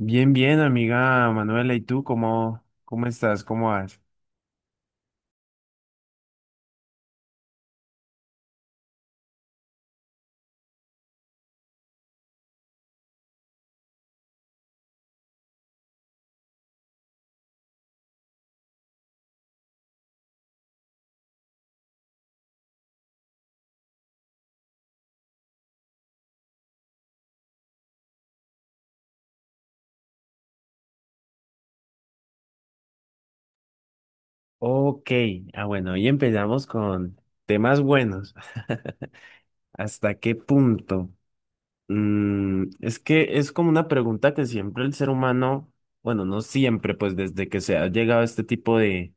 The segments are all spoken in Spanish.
Bien, bien, amiga Manuela, ¿y tú cómo estás? ¿Cómo vas? Ok, ah bueno, hoy empezamos con temas buenos. ¿Hasta qué punto? Es que es como una pregunta que siempre el ser humano, bueno, no siempre, pues desde que se ha llegado a este tipo de,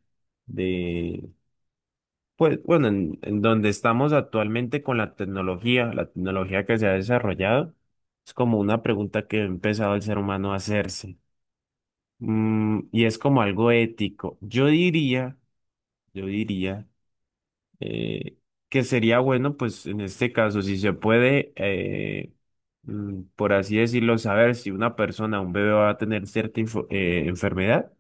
de, pues bueno, en donde estamos actualmente con la tecnología que se ha desarrollado, es como una pregunta que ha empezado el ser humano a hacerse. Y es como algo ético. Yo diría eh, que sería bueno, pues en este caso, si se puede, por así decirlo, saber si una persona, un bebé va a tener cierta enfermedad,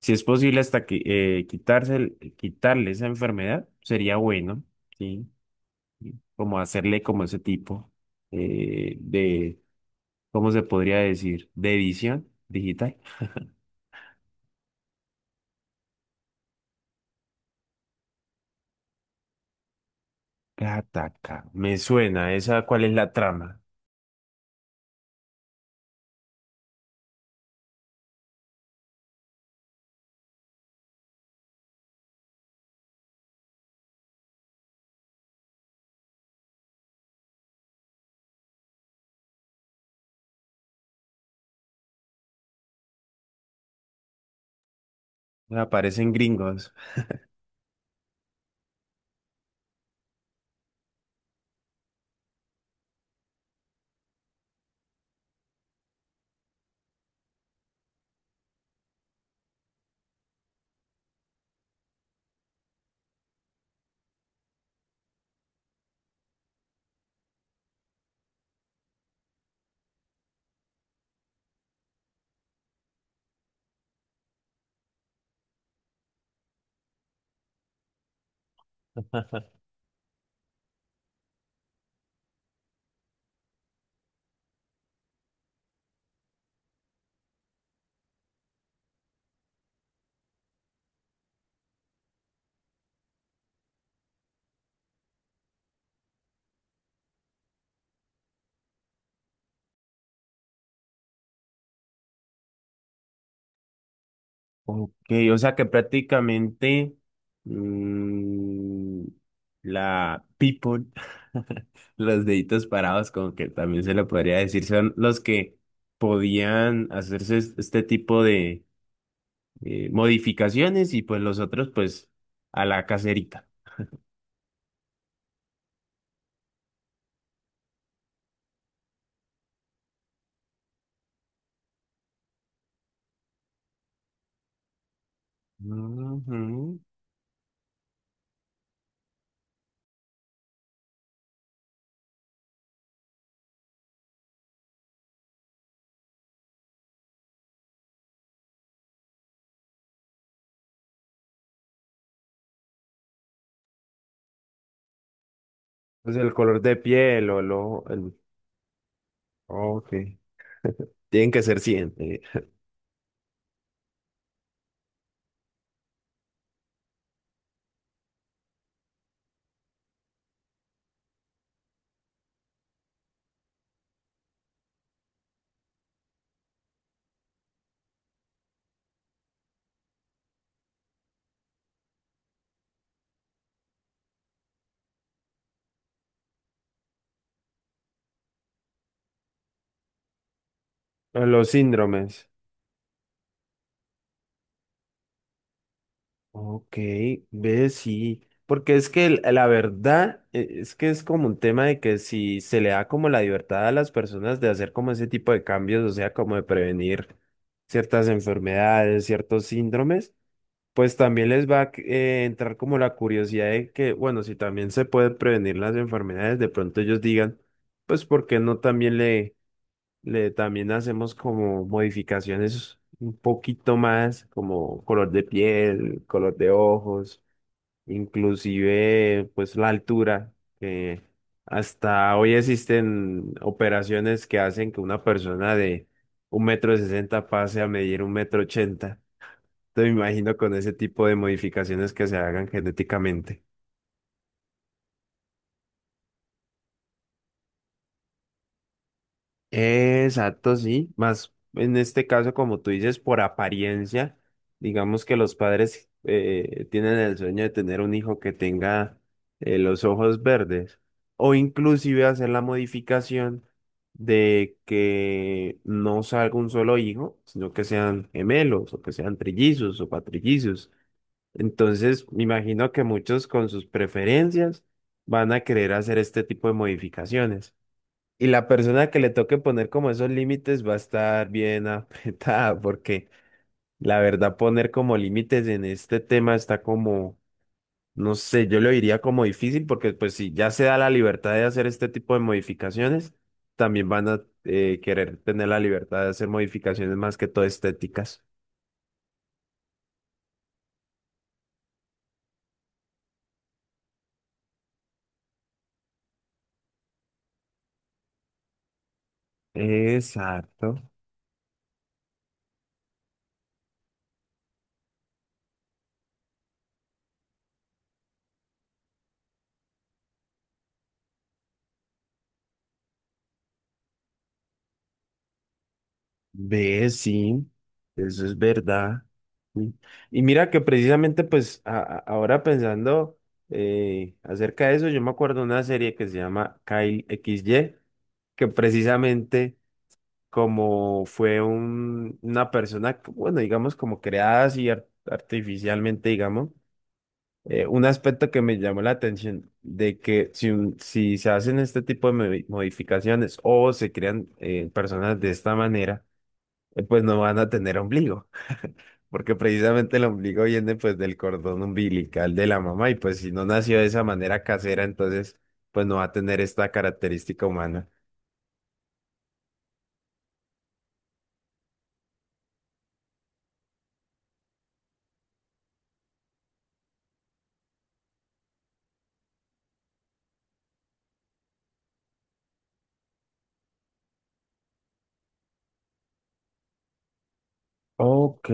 si es posible hasta que quitarle esa enfermedad, sería bueno, ¿sí? Y como hacerle como ese tipo de, ¿cómo se podría decir? De edición digital. Kataka, me suena. ¿Esa cuál es la trama? Aparecen gringos. Ok, o sea que prácticamente mm, la people, los deditos parados, como que también se lo podría decir, son los que podían hacerse este tipo de modificaciones y pues los otros pues a la caserita. Ujú. Pues el color de piel o lo. El. Ok. Tienen que ser 100. A los síndromes. Ok, ve, sí. Porque es que la verdad es que es como un tema de que si se le da como la libertad a las personas de hacer como ese tipo de cambios, o sea, como de prevenir ciertas enfermedades, ciertos síndromes, pues también les va a entrar como la curiosidad de que, bueno, si también se pueden prevenir las enfermedades, de pronto ellos digan, pues, ¿por qué no también también hacemos como modificaciones un poquito más, como color de piel, color de ojos, inclusive pues la altura, que hasta hoy existen operaciones que hacen que una persona de 1,60 m pase a medir 1,80 m. Te imagino con ese tipo de modificaciones que se hagan genéticamente. Exacto, sí. Más en este caso, como tú dices, por apariencia, digamos que los padres tienen el sueño de tener un hijo que tenga los ojos verdes o inclusive hacer la modificación de que no salga un solo hijo, sino que sean gemelos o que sean trillizos o patrillizos. Entonces, me imagino que muchos con sus preferencias van a querer hacer este tipo de modificaciones. Y la persona que le toque poner como esos límites va a estar bien apretada, porque la verdad poner como límites en este tema está como, no sé, yo lo diría como difícil, porque pues si ya se da la libertad de hacer este tipo de modificaciones, también van a querer tener la libertad de hacer modificaciones más que todo estéticas. Exacto. Ve, sí, eso es verdad. Sí. Y mira que precisamente pues ahora pensando acerca de eso, yo me acuerdo de una serie que se llama Kyle XY, que precisamente como fue una persona, que, bueno, digamos como creada así artificialmente, digamos, un aspecto que me llamó la atención de que si, si se hacen este tipo de modificaciones o se crean personas de esta manera, pues no van a tener ombligo, porque precisamente el ombligo viene pues del cordón umbilical de la mamá y pues si no nació de esa manera casera, entonces pues no va a tener esta característica humana. Ok,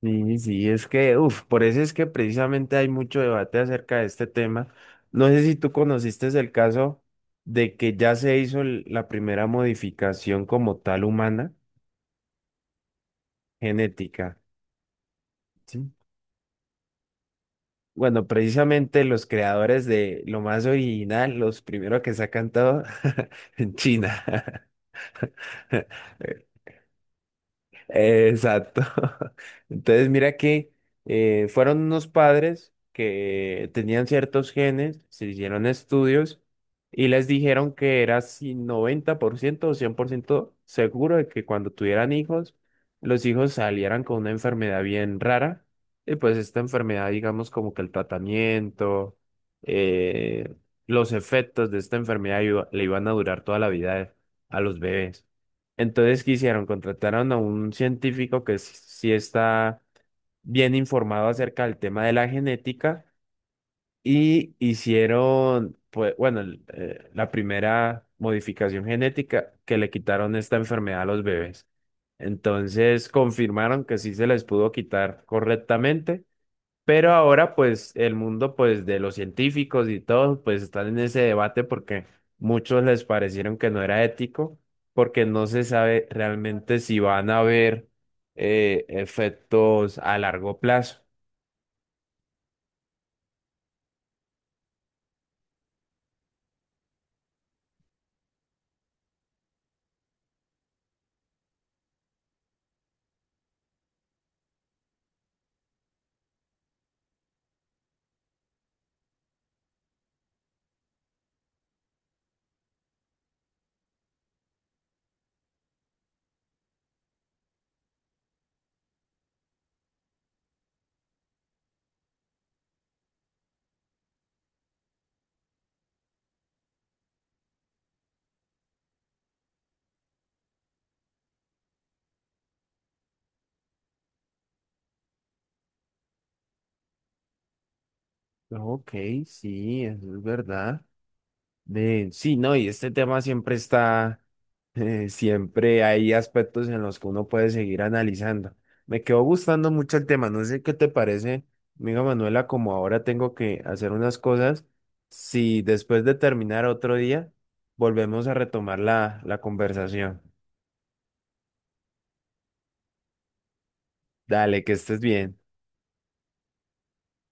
sí, sí, es que, uff, por eso es que precisamente hay mucho debate acerca de este tema. No sé si tú conociste el caso de que ya se hizo la primera modificación como tal humana genética. ¿Sí? Bueno, precisamente los creadores de lo más original, los primeros que sacan todo en China. Exacto. Entonces, mira que fueron unos padres que tenían ciertos genes, se hicieron estudios y les dijeron que era si 90% o 100% seguro de que cuando tuvieran hijos, los hijos salieran con una enfermedad bien rara. Y pues esta enfermedad, digamos, como que el tratamiento, eh, los efectos de esta enfermedad le iban a durar toda la vida a los bebés. Entonces, ¿qué hicieron? Contrataron a un científico que sí está bien informado acerca del tema de la genética y hicieron, pues, bueno, la primera modificación genética que le quitaron esta enfermedad a los bebés. Entonces, confirmaron que sí se les pudo quitar correctamente pero ahora, pues, el mundo, pues, de los científicos y todos, pues, están en ese debate porque muchos les parecieron que no era ético, porque no se sabe realmente si van a haber efectos a largo plazo. Ok, sí, eso es verdad. Sí, no, y este tema siempre está, siempre hay aspectos en los que uno puede seguir analizando. Me quedó gustando mucho el tema, no sé qué te parece, amiga Manuela, como ahora tengo que hacer unas cosas, si después de terminar otro día, volvemos a retomar la conversación. Dale, que estés bien.